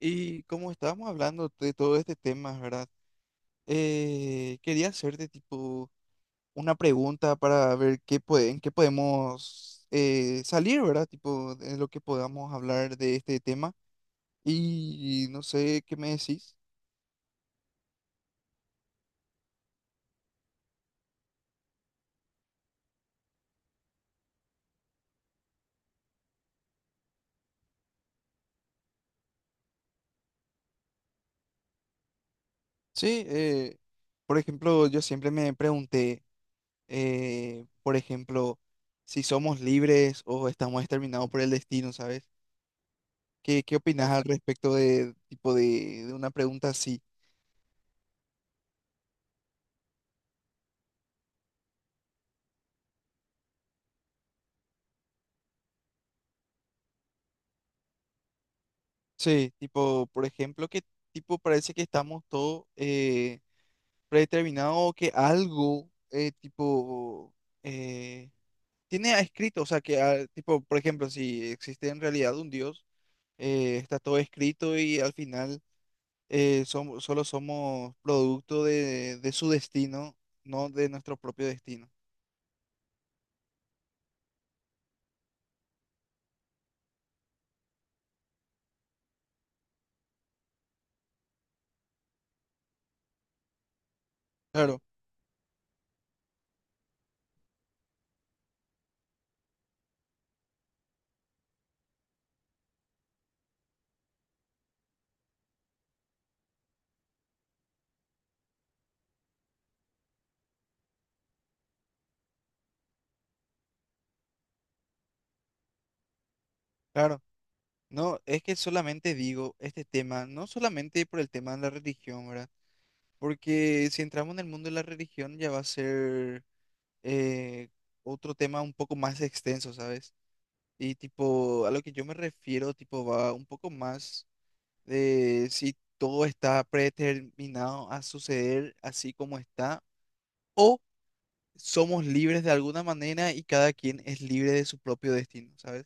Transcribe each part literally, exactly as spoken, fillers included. Y como estábamos hablando de todo este tema, ¿verdad? Eh, quería hacerte tipo una pregunta para ver qué puede, en qué podemos eh, salir, ¿verdad? Tipo, de lo que podamos hablar de este tema. Y no sé qué me decís. Sí, eh, por ejemplo, yo siempre me pregunté, eh, por ejemplo, si somos libres o estamos determinados por el destino, ¿sabes? ¿Qué, qué opinas al respecto de tipo de de una pregunta así? Sí, tipo, por ejemplo, que tipo parece que estamos todos eh, predeterminados o que algo eh, tipo eh, tiene escrito, o sea, que ah, tipo, por ejemplo, si existe en realidad un Dios, eh, está todo escrito y al final eh, somos, solo somos producto de, de su destino, no de nuestro propio destino. Claro, claro. No, es que solamente digo este tema, no solamente por el tema de la religión, ¿verdad? Porque si entramos en el mundo de la religión ya va a ser eh, otro tema un poco más extenso, ¿sabes? Y tipo, a lo que yo me refiero, tipo, va un poco más de si todo está predeterminado a suceder así como está, o somos libres de alguna manera y cada quien es libre de su propio destino, ¿sabes?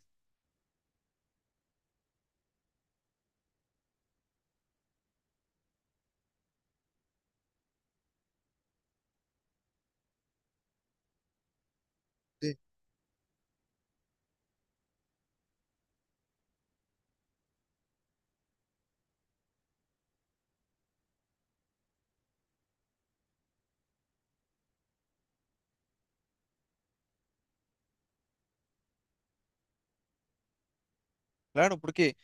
Sí, claro, porque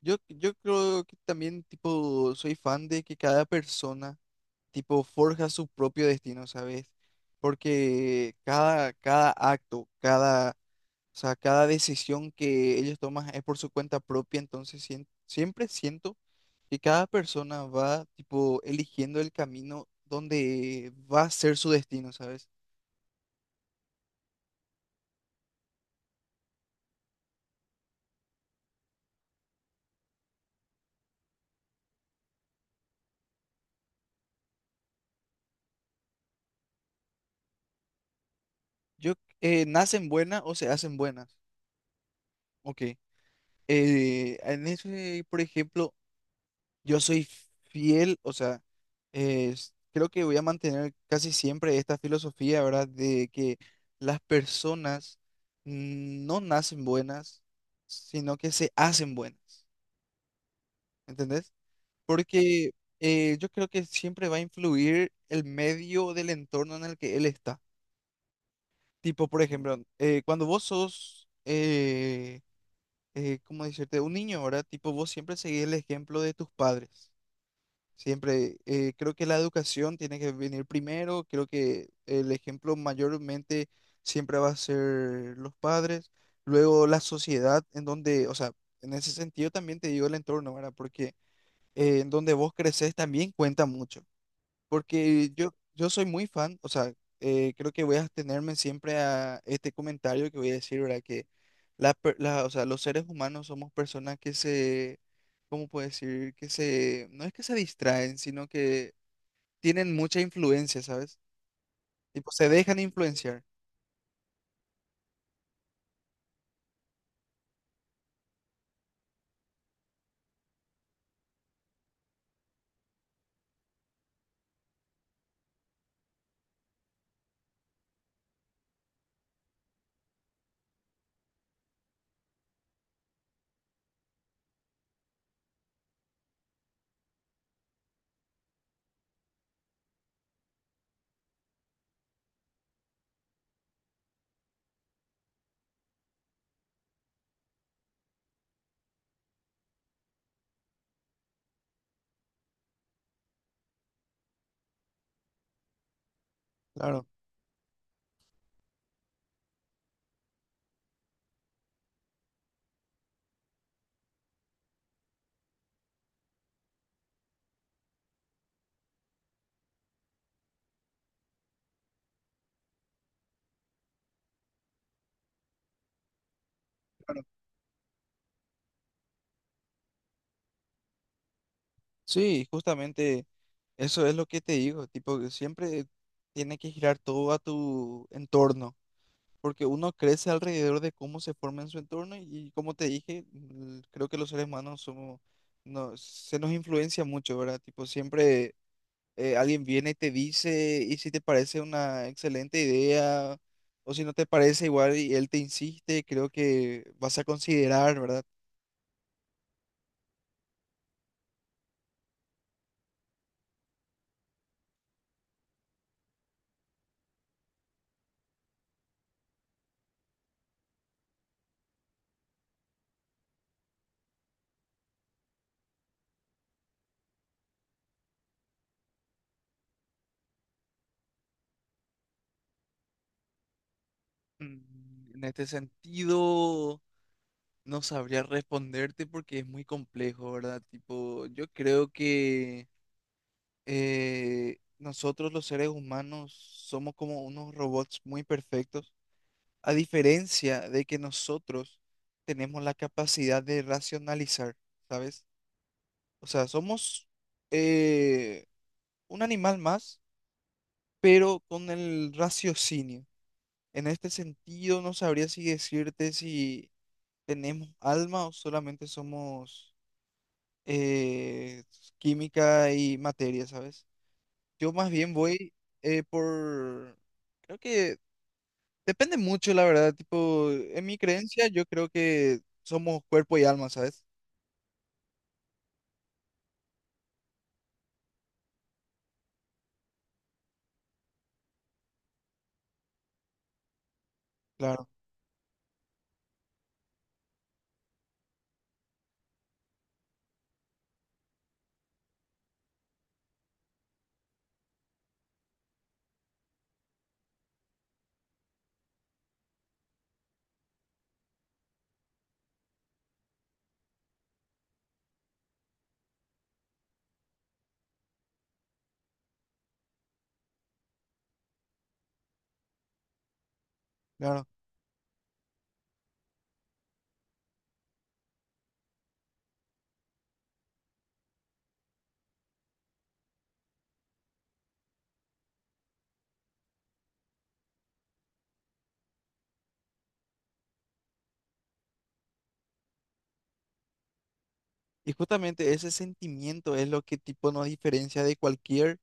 yo, yo creo que también, tipo, soy fan de que cada persona tipo, forja su propio destino, ¿sabes? Porque cada, cada acto, cada, o sea, cada decisión que ellos toman es por su cuenta propia, entonces sien- siempre siento que cada persona va, tipo, eligiendo el camino donde va a ser su destino, ¿sabes? Yo, eh, ¿nacen buenas o se hacen buenas? Ok. Eh, en ese, por ejemplo, yo soy fiel, o sea, es- creo que voy a mantener casi siempre esta filosofía, ¿verdad? De que las personas no nacen buenas, sino que se hacen buenas, ¿entendés? Porque eh, yo creo que siempre va a influir el medio del entorno en el que él está. Tipo, por ejemplo, eh, cuando vos sos, eh, eh, ¿cómo decirte? Un niño, ¿verdad? Tipo, vos siempre seguís el ejemplo de tus padres. Siempre, eh, creo que la educación tiene que venir primero, creo que el ejemplo mayormente siempre va a ser los padres, luego la sociedad en donde, o sea, en ese sentido también te digo el entorno, ¿verdad? Porque eh, en donde vos creces también cuenta mucho. Porque yo, yo soy muy fan, o sea, eh, creo que voy a abstenerme siempre a este comentario que voy a decir, ¿verdad? Que la, per- la- o sea, los seres humanos somos personas que se, ¿cómo puedo decir? Que se, no es que se distraen, sino que tienen mucha influencia, ¿sabes? Tipo, se dejan influenciar. Claro, claro. Sí, justamente eso es lo que te digo, tipo, que siempre tiene que girar todo a tu entorno. Porque uno crece alrededor de cómo se forma en su entorno y, y como te dije, l- creo que los seres humanos somos, no, se nos influencia mucho, ¿verdad? Tipo, siempre eh, alguien viene y te dice y si te parece una excelente idea o si no te parece igual y él te insiste, creo que vas a considerar, ¿verdad? Mm, en este sentido, no sabría responderte porque es muy complejo, ¿verdad? Tipo, yo creo que eh, nosotros los seres humanos somos como unos robots muy perfectos, a diferencia de que nosotros tenemos la capacidad de racionalizar, ¿sabes? O sea, somos eh, un animal más, pero con el raciocinio. En este sentido, no sabría si decirte si tenemos alma o solamente somos eh, química y materia, ¿sabes? Yo más bien voy eh, por... Creo que depende mucho, la verdad. Tipo, en mi creencia yo creo que somos cuerpo y alma, ¿sabes? Claro, claro. Y justamente ese sentimiento es lo que tipo nos diferencia de cualquier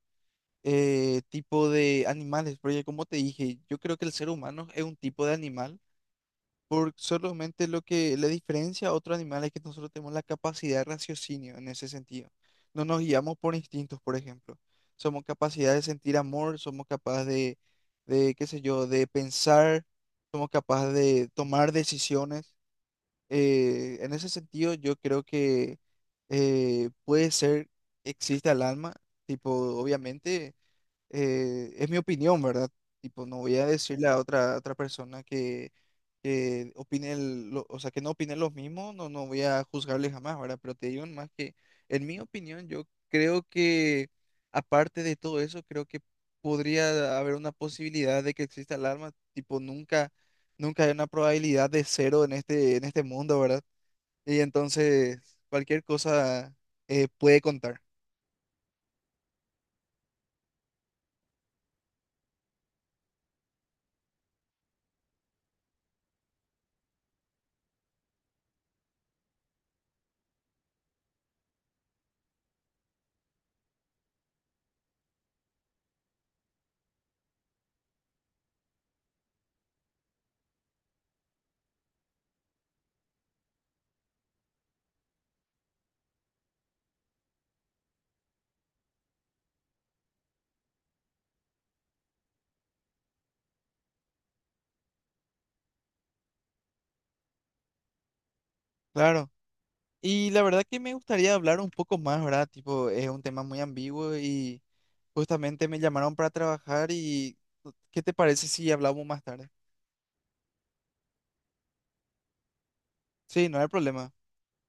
eh, tipo de animales. Porque como te dije, yo creo que el ser humano es un tipo de animal. Por solamente lo que la diferencia a otros animales es que nosotros tenemos la capacidad de raciocinio en ese sentido. No nos guiamos por instintos, por ejemplo. Somos capaces de sentir amor, somos capaces de, de, qué sé yo, de pensar, somos capaces de tomar decisiones. Eh, en ese sentido, yo creo que eh, puede ser, existe el alma, tipo, obviamente eh, es mi opinión, ¿verdad? Tipo, no voy a decirle a otra, otra persona que, que opine, el- lo- o sea, que no opine los mismos, no, no voy a juzgarle jamás, ¿verdad? Pero te digo más que, en mi opinión, yo creo que, aparte de todo eso, creo que podría haber una posibilidad de que exista el alma, tipo, nunca, nunca hay una probabilidad de cero en este, en este mundo, ¿verdad? Y entonces, cualquier cosa eh, puede contar. Claro. Y la verdad que me gustaría hablar un poco más, ¿verdad? Tipo, es un tema muy ambiguo y justamente me llamaron para trabajar y ¿qué te parece si hablamos más tarde? Sí, no hay problema.